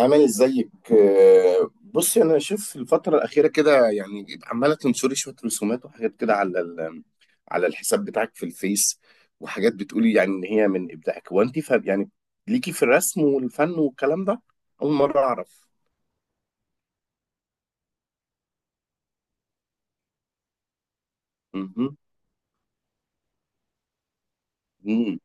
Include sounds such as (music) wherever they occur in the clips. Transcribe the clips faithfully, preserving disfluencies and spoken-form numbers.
عامل ازيك؟ آه، بصي، انا شايف الفتره الاخيره كده، يعني عماله تنشري شويه رسومات وحاجات كده على ال- على الحساب بتاعك في الفيس، وحاجات بتقولي يعني ان هي من ابداعك. هو انت ف- يعني ليكي في الرسم والفن والكلام ده؟ اول مره اعرف. مهم. مم.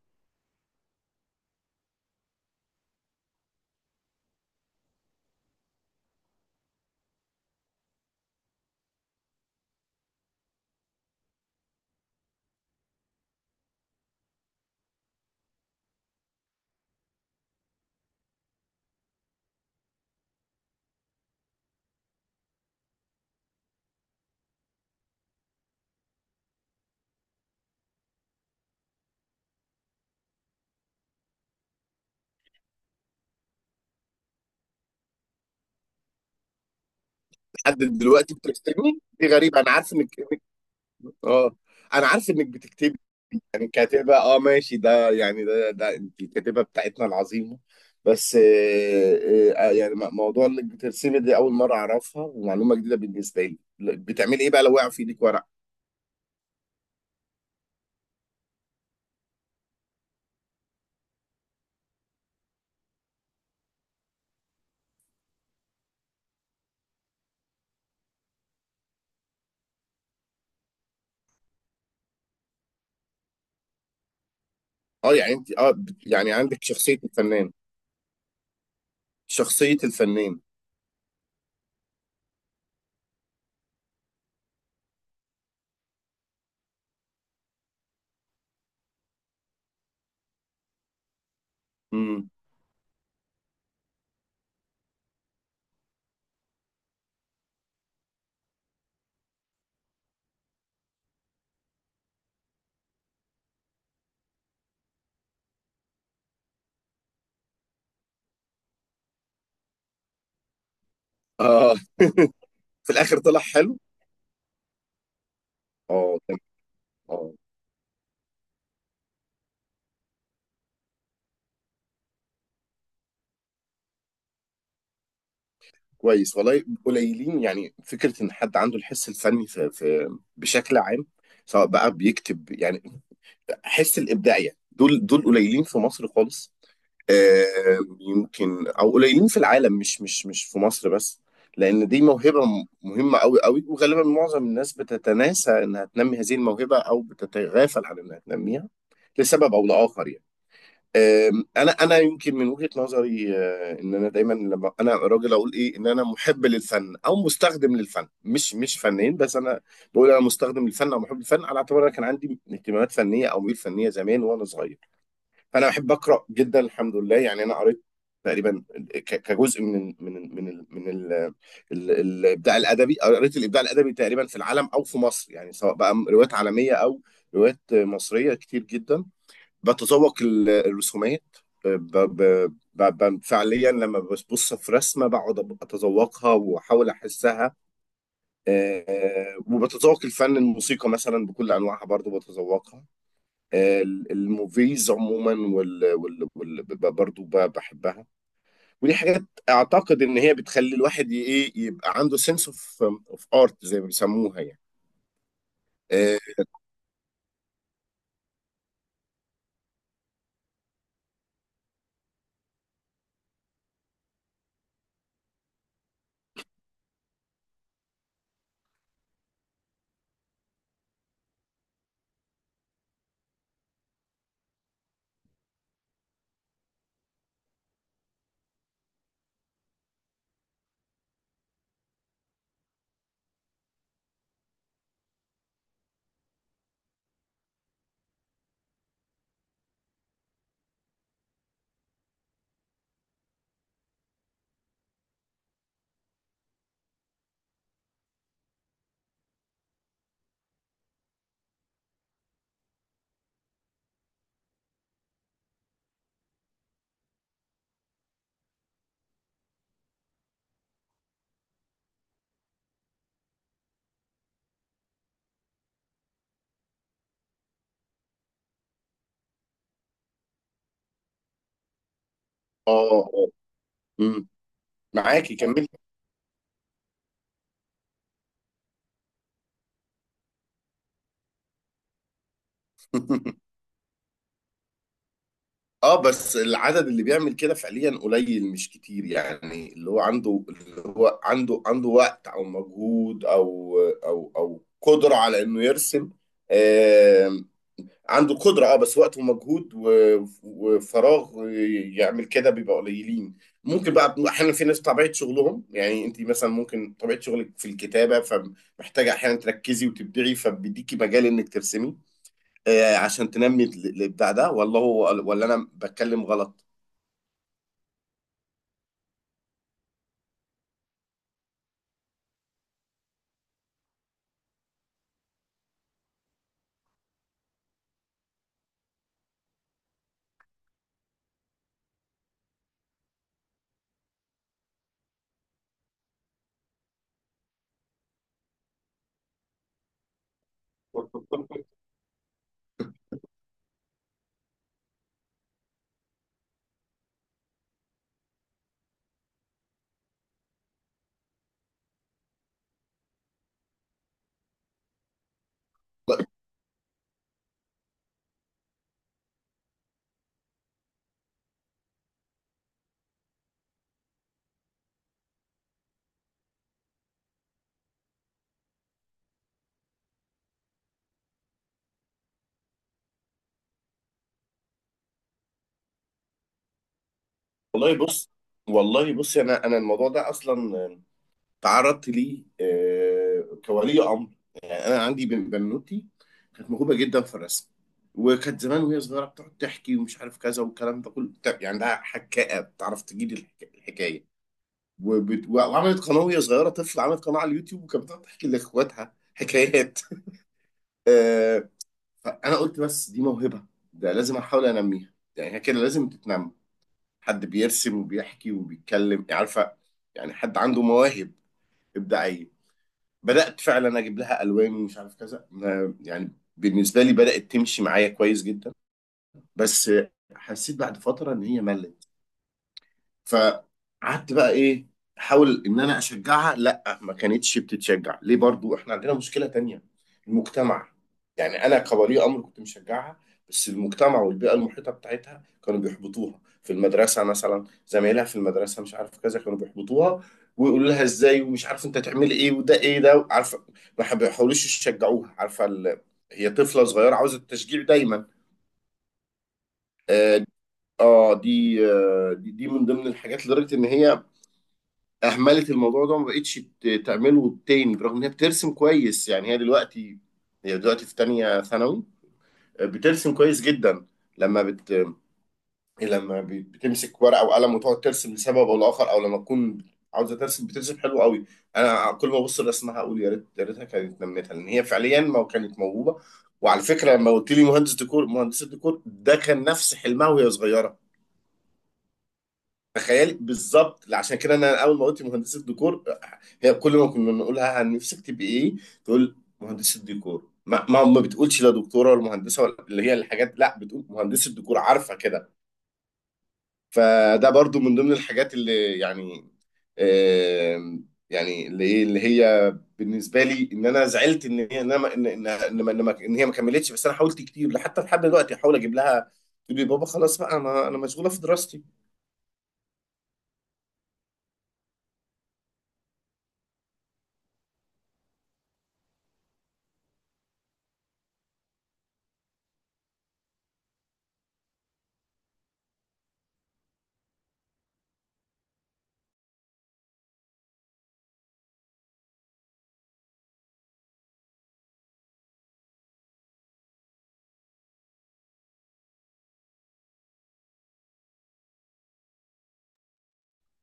لحد دلوقتي بترسمي؟ دي غريبه. انا عارف انك إنك- اه، انا عارف انك بتكتبي، يعني كاتبة، اه ماشي، ده يعني ده ده انت الكاتبة بتاعتنا العظيمة. بس آه، آه، آه، يعني م- موضوع انك بترسمي دي اول مرة اعرفها، ومعلومة جديدة بالنسبة لي. بتعملي ايه بقى لو وقع في ايدك ورق؟ اه يعني انت اه بت- يعني عندك شخصية الفنان، شخصية الفنان. امم. اه (laughs) في الاخر طلع حلو. اه تمام. اه كويس، والله قليلين. يعني فكره ان حد عنده الحس الفني في, في بشكل عام، سواء بقى بيكتب، يعني حس الابداعيه، دول دول قليلين في مصر خالص. آه، يمكن او قليلين في العالم، مش مش مش في مصر بس، لان دي موهبه م- مهمه قوي قوي، وغالبا معظم الناس بتتناسى انها تنمي هذه الموهبه، او بتتغافل عن انها تنميها لسبب او لاخر يعني. أم، انا انا يمكن من وجهة نظري، آه، ان انا دايما لما انا راجل اقول ايه، ان انا محب للفن او مستخدم للفن، مش مش فنان بس. انا بقول انا مستخدم للفن او محب للفن، على اعتبار انا كان عندي اهتمامات فنيه او ميول فنيه زمان وانا صغير. فانا بحب اقرا جدا، الحمد لله. يعني انا قريت تقريبا ك- كجزء من من من ال- من ال- ال- الابداع الادبي. قريت الابداع الادبي تقريبا في العالم او في مصر، يعني سواء بقى روايات عالميه او روايات مصريه كتير جدا. بتذوق ال- الرسومات. ب... ب... ب... ب... فعليا لما ببص في رسمه، بقعد أب- اتذوقها واحاول احسها. آه، وبتذوق الفن، الموسيقى مثلا بكل انواعها برضو بتذوقها. آه، ال- الموفيز عموما وال... وال... وال... ب- برضو ب- بحبها. ودي حاجات اعتقد ان هي بتخلي الواحد ي- ايه، يبقى عنده سنس اوف اوف ارت زي ما بيسموها يعني. اه. اه. آه. مم. معاكي كملي. (laughs) اه بس العدد اللي بيعمل كده فعليا قليل مش كتير. يعني اللي هو عنده، اللي هو عنده عنده وقت او مجهود او او او قدرة على انه يرسم. آه، عنده قدرة اه، بس وقت ومجهود و- وفراغ يعمل كده، بيبقى قليلين. ممكن بقى احيانا في ناس طبيعة شغلهم، يعني انت مثلا ممكن طبيعة شغلك في الكتابة، فمحتاجة احيانا تركزي وتبدعي، فبيديكي مجال انك ترسمي، آه، عشان تنمي ال- الابداع ده. ولا هو، ولا انا بتكلم غلط؟ والله بص، والله بص، انا انا الموضوع ده اصلا، آه، تعرضت ليه آه، كولي امر. يعني انا عندي بن- بنوتي كانت موهوبه جدا في الرسم. وكانت زمان وهي صغيره بتقعد تحكي، ومش عارف كذا والكلام ده كله بتاع- يعني عندها حكايه، بتعرف تجيب الحك- الحكايه. وبت... وعملت قناه وهي صغيره طفل، عملت قناه على اليوتيوب، وكانت بتقعد تحكي لاخواتها حكايات. (laughs) فانا قلت بس دي موهبه، ده لازم احاول انميها. يعني هي كده لازم تتنمى، حد بيرسم وبيحكي وبيتكلم، يعني عارفه، يعني حد عنده مواهب ابداعيه. بدات فعلا اجيب لها الوان ومش عارف كذا ما- يعني بالنسبه لي بدات تمشي معايا كويس جدا. بس حسيت بعد فتره ان هي ملت. فقعدت بقى ايه، احاول ان انا اشجعها. لا ما كانتش بتتشجع. ليه؟ برضو احنا عندنا مشكلة تانية، المجتمع. يعني انا كولي امر كنت مشجعها، بس المجتمع والبيئة المحيطة بتاعتها كانوا بيحبطوها. في المدرسة مثلا زمايلها في المدرسة، مش عارف كذا، كانوا بيحبطوها ويقولوا لها ازاي، ومش عارف انت تعملي ايه وده ايه ده، عارفه. ما بيحاولوش يشجعوها، عارفه ال- هي طفله صغيره عاوزه التشجيع دايما. اه. آه، دي آه، دي دي من ضمن الحاجات، لدرجه ان هي اهملت الموضوع ده وما بقتش ت- تعمله تاني، برغم ان هي بترسم كويس. يعني هي دلوقتي، هي دلوقتي في تانية ثانوي، بترسم كويس جدا. لما بت لما بت- بتمسك ورقة وقلم وتقعد ترسم لسبب او لاخر، او لما تكون عاوزة ترسم بترسم حلو قوي. انا كل ما ابص لرسمها اقول يا ريت، يا ريتها كانت نمتها، لان هي فعليا ما كانت موهوبة. وعلى فكرة لما قلت لي مهندس ديكور، مهندس الديكور ده كان نفس حلمها وهي صغيرة. تخيلي بالظبط. عشان كده انا اول ما قلت مهندسه ديكور، هي كل ما كنا نقولها عن نفسك تبقي ايه، تقول مهندسه ديكور. ما ما ما بتقولش لا دكتوره ولا مهندسه ولا اللي هي الحاجات، لا بتقول مهندسه ديكور، عارفه كده. فده برضو من ضمن الحاجات اللي يعني، آم، يعني اللي ايه، اللي هي بالنسبه لي ان انا زعلت ان هي ان أنا- ان ان ان ما- ان ما- إن هي ما كملتش. بس انا حاولت كتير حتى لحد دلوقتي احاول اجيب لها، تقول لي بابا خلاص بقى، انا انا مشغوله في دراستي.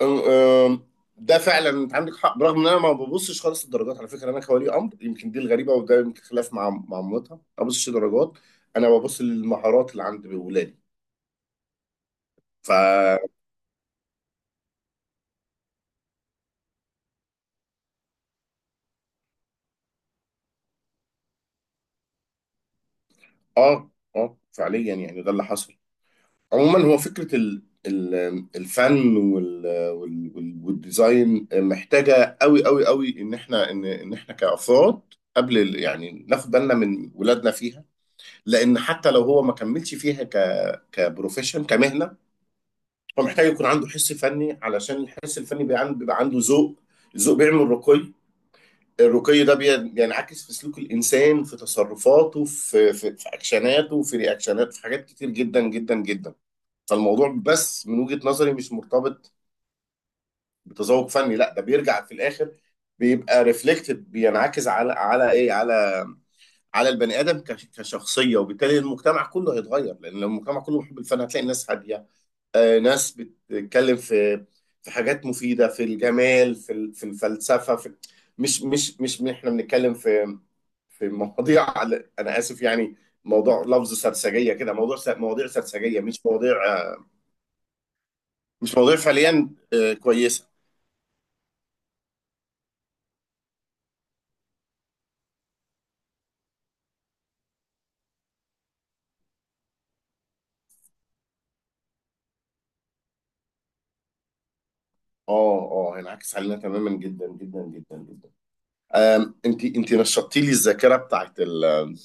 أم- أم، ده فعلا انت عندك حق، برغم ان انا ما ببصش خالص الدرجات على فكره. انا كولي امر يمكن دي الغريبه، وده يمكن خلاف مع مع مامتها، ما ببصش درجات، انا ببص للمهارات اللي عند ولادي. فا اه اه فعليا يعني ده اللي حصل. عموما هو فكره ال... ال... الفن وال... وال... وال... والديزاين محتاجه قوي قوي قوي، ان احنا ان ان احنا كافراد قبل ال- يعني، ناخد بالنا من ولادنا فيها، لان حتى لو هو ما كملش فيها ك... كبروفيشن، كمهنه، فمحتاج يكون عنده حس فني، علشان الحس الفني بيبقى عنده، بيبقى عنده ذوق، الذوق بيعمل رقي، الرقي ده بي- بينعكس في سلوك الإنسان، في تصرفاته، في في, في أكشناته، في رياكشنات، في حاجات كتير جدا جدا جدا. فالموضوع بس من وجهة نظري مش مرتبط بتذوق فني، لا ده بيرجع في الآخر، بيبقى ريفلكتد، بينعكس على على إيه، على على البني آدم كش- كشخصية. وبالتالي المجتمع كله هيتغير، لأن لو المجتمع كله محب الفن هتلاقي الناس هادية، ناس بتتكلم في في حاجات مفيدة، في الجمال، في ال- في الفلسفة، في مش مش مش من احنا بنتكلم في في مواضيع (laughs) على- انا اسف، يعني موضوع لفظ سرسجية كده، موضوع س- مواضيع سرسجية، مش مواضيع آه، مش مواضيع فعليا آه، كويسة. اه اه هينعكس علينا تماما، جدا جدا جدا جدا. آم، انت انت نشطتي لي الذاكره بتاعت ال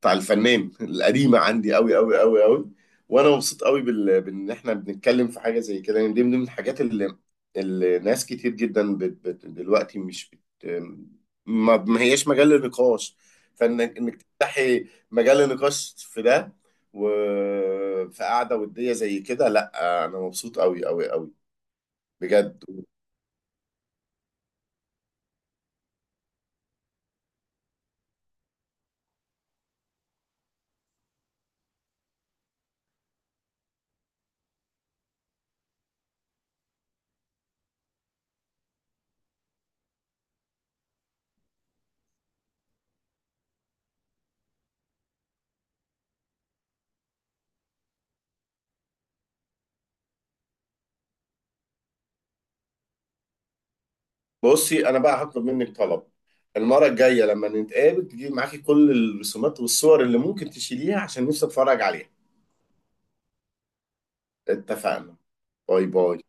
بتاع الفنان القديمه عندي قوي قوي قوي قوي. وانا مبسوط قوي بال... بان احنا بنتكلم في حاجه زي كده، يعني دي من ضمن الحاجات اللي, اللي ناس كتير جدا بت... بت... دلوقتي مش بت... ما... ما هياش مجال للنقاش. فانك انك تفتحي مجال للنقاش في ده وفي قعده وديه زي كده، لا انا مبسوط قوي قوي قوي. بجد. بصي انا بقى هطلب منك طلب، المره الجايه لما نتقابل تجيب معاكي كل الرسومات والصور اللي ممكن تشيليها، عشان نفسي اتفرج عليها. اتفقنا. باي باي.